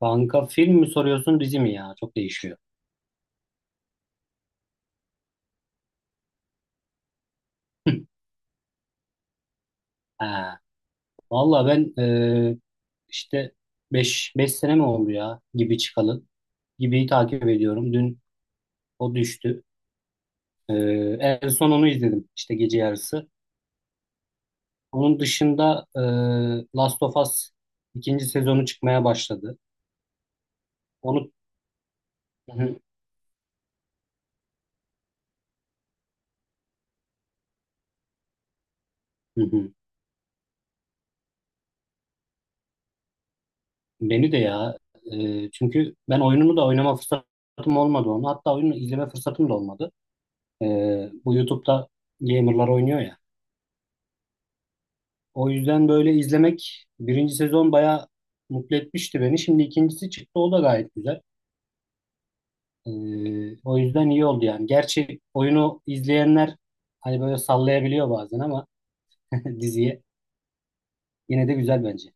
Kanka film mi soruyorsun dizi mi ya? Çok değişiyor. Ha. Valla ben işte beş sene mi oldu ya gibi çıkalı. Gibi'yi takip ediyorum. Dün o düştü. E, En son onu izledim işte gece yarısı. Onun dışında Last of Us ikinci sezonu çıkmaya başladı. Onu. Hı hı, hı hı. Beni de ya. Çünkü ben oyununu da oynama fırsatım olmadı onu. Hatta oyunu izleme fırsatım da olmadı. E, Bu YouTube'da gamerlar oynuyor ya. O yüzden böyle izlemek birinci sezon bayağı mutlu etmişti beni. Şimdi ikincisi çıktı o da gayet güzel. O yüzden iyi oldu yani. Gerçi oyunu izleyenler hani böyle sallayabiliyor bazen ama diziye yine de güzel bence.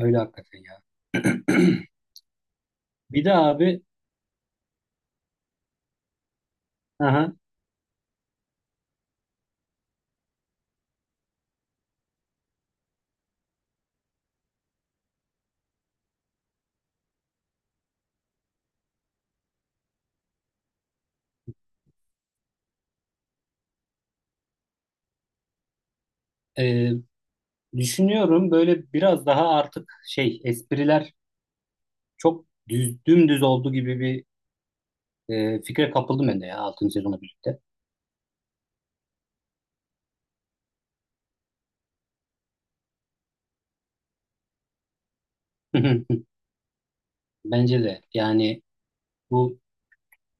Öyle hakikaten ya. Bir de abi, aha, e, düşünüyorum böyle biraz daha artık şey espriler çok düz dümdüz oldu gibi bir fikre kapıldım ben de ya altıncı sezonla birlikte. Bence de yani bu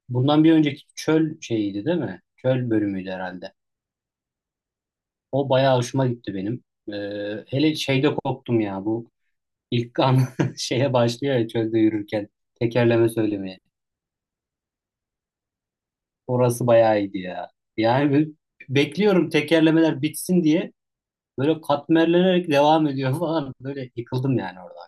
bundan bir önceki çöl şeyiydi değil mi? Çöl bölümüydü herhalde. O bayağı hoşuma gitti benim. Hele şeyde koptum ya, bu ilk an şeye başlıyor ya, çölde yürürken tekerleme söylemeye. Orası bayağı iyiydi ya. Yani böyle bekliyorum tekerlemeler bitsin diye, böyle katmerlenerek devam ediyor falan. Böyle yıkıldım yani orada.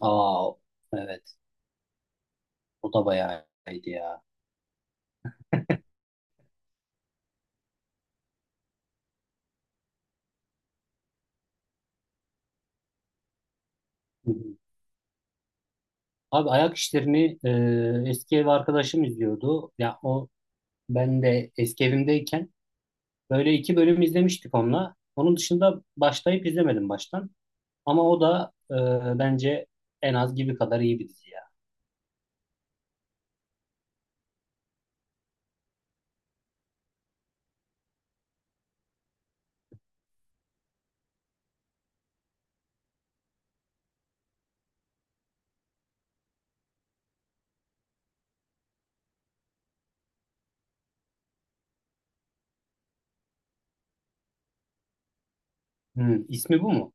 Aa, evet, o da bayağı iyiydi ya. Hı hı. Abi ayak işlerini eski ev arkadaşım izliyordu. Ya o, ben de eski evimdeyken böyle iki bölüm izlemiştik onunla. Onun dışında başlayıp izlemedim baştan. Ama o da, bence en az gibi kadar iyi bir dizi ya. Hı, ismi bu mu?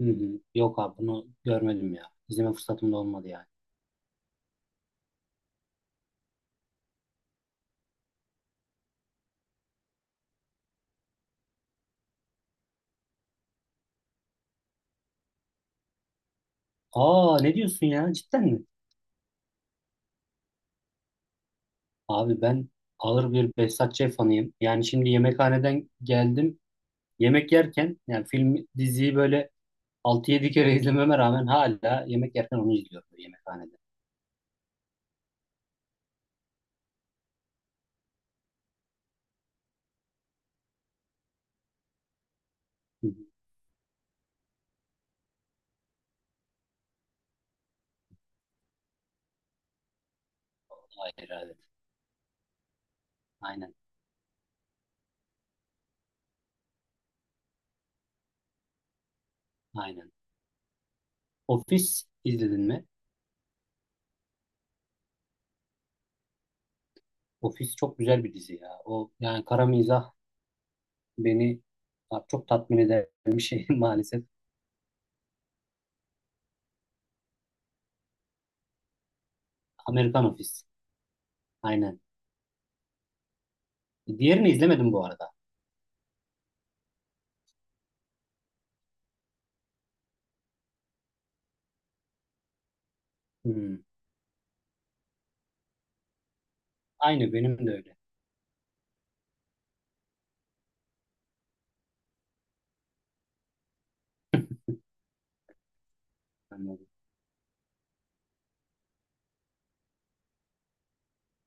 Hı hı. Yok abi, bunu görmedim ya. İzleme fırsatım da olmadı yani. Aa, ne diyorsun ya, cidden mi? Abi ben ağır bir Behzat Ç. fanıyım. Yani şimdi yemekhaneden geldim. Yemek yerken, yani film diziyi böyle 6-7 kere izlememe rağmen, hala yemek yerken onu izliyorum yemekhanede. Hı hı. Hayır, hayır. Aynen. Aynen. Office izledin mi? Office çok güzel bir dizi ya. O yani kara mizah beni, ya, çok tatmin eden bir şey maalesef. Amerikan Office. Aynen. Diğerini izlemedim bu arada. Hmm. Aynı benim de öyle. Anladım.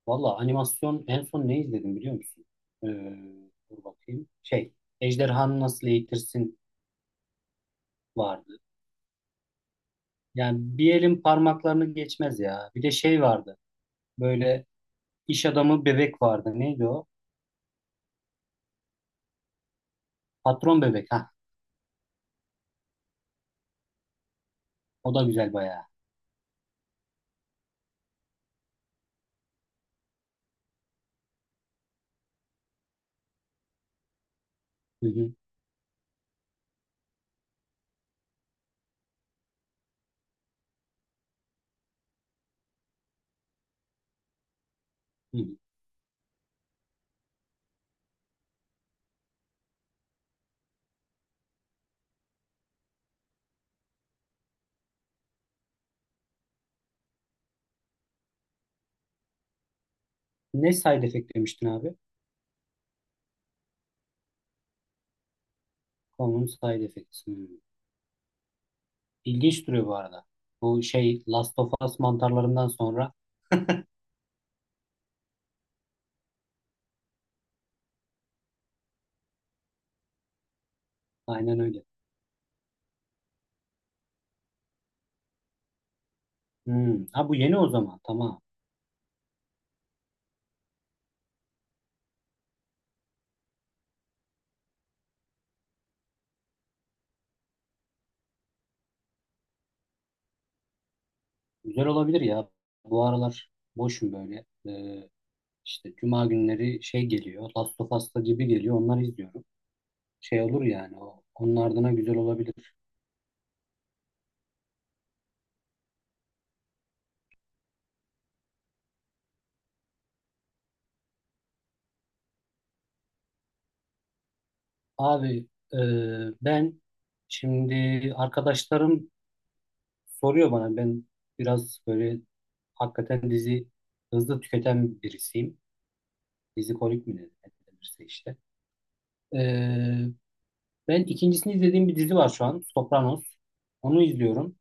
Valla animasyon en son ne izledim biliyor musun? Ee, Dur bakayım. Şey, Ejderhanı Nasıl Eğitirsin vardı. Yani bir elin parmaklarını geçmez ya. Bir de şey vardı. Böyle iş adamı bebek vardı. Neydi o? Patron bebek. Ha, o da güzel bayağı. Hı hı. Hı. Ne side effect demiştin abi? Common side effects. Hmm. İlginç duruyor bu arada. Bu şey Last of Us mantarlarından sonra, aynen öyle. Hmm. Ha, bu yeni o zaman. Tamam. Güzel olabilir ya. Bu aralar boşum böyle. İşte cuma günleri şey geliyor. Last of Us'ta, gibi geliyor. Onları izliyorum. Şey olur yani. Onun ardına güzel olabilir. Abi, e, ben şimdi, arkadaşlarım soruyor bana, ben biraz böyle hakikaten dizi hızlı tüketen birisiyim. Dizi kolik mi denirse işte. Ee, Ben ikincisini izlediğim bir dizi var şu an. Sopranos. Onu izliyorum.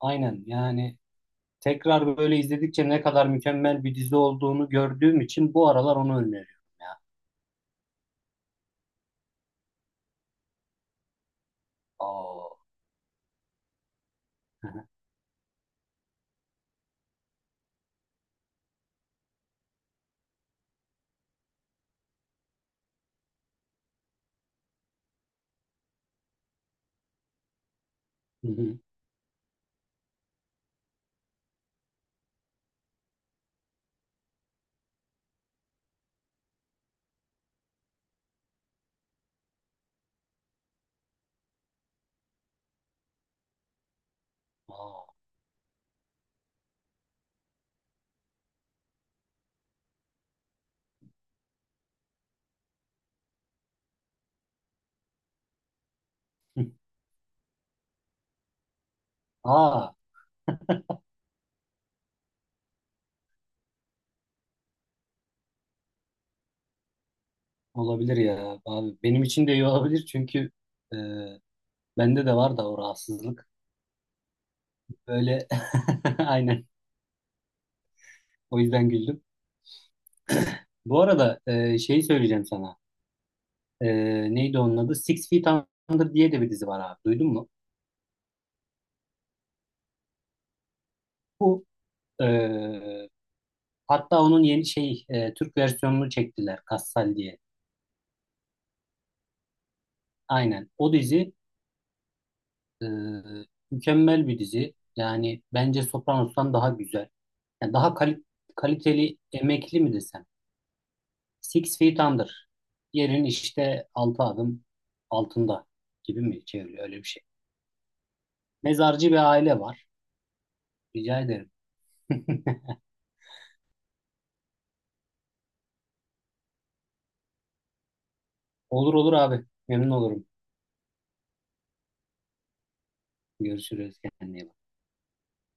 Aynen, yani tekrar böyle izledikçe ne kadar mükemmel bir dizi olduğunu gördüğüm için, bu aralar onu öneriyorum ya. Aa. Hı hı. Aa. Aa. Olabilir ya abi. Benim için de iyi olabilir, çünkü e, bende de var da o rahatsızlık. Böyle aynen. O yüzden güldüm. Bu arada, şeyi söyleyeceğim sana. E, Neydi onun adı? Six Feet Under diye de bir dizi var abi. Duydun mu? Bu, e, hatta onun yeni şey, Türk versiyonunu çektiler. Kassal diye. Aynen. O dizi e, mükemmel bir dizi. Yani bence Sopranos'tan daha güzel. Yani daha kaliteli emekli mi desem? Six Feet Under. Yerin işte altı adım altında gibi mi çeviriyor, öyle bir şey. Mezarcı bir aile var. Rica ederim. Olur olur abi. Memnun olurum. Görüşürüz. Kendine iyi bak.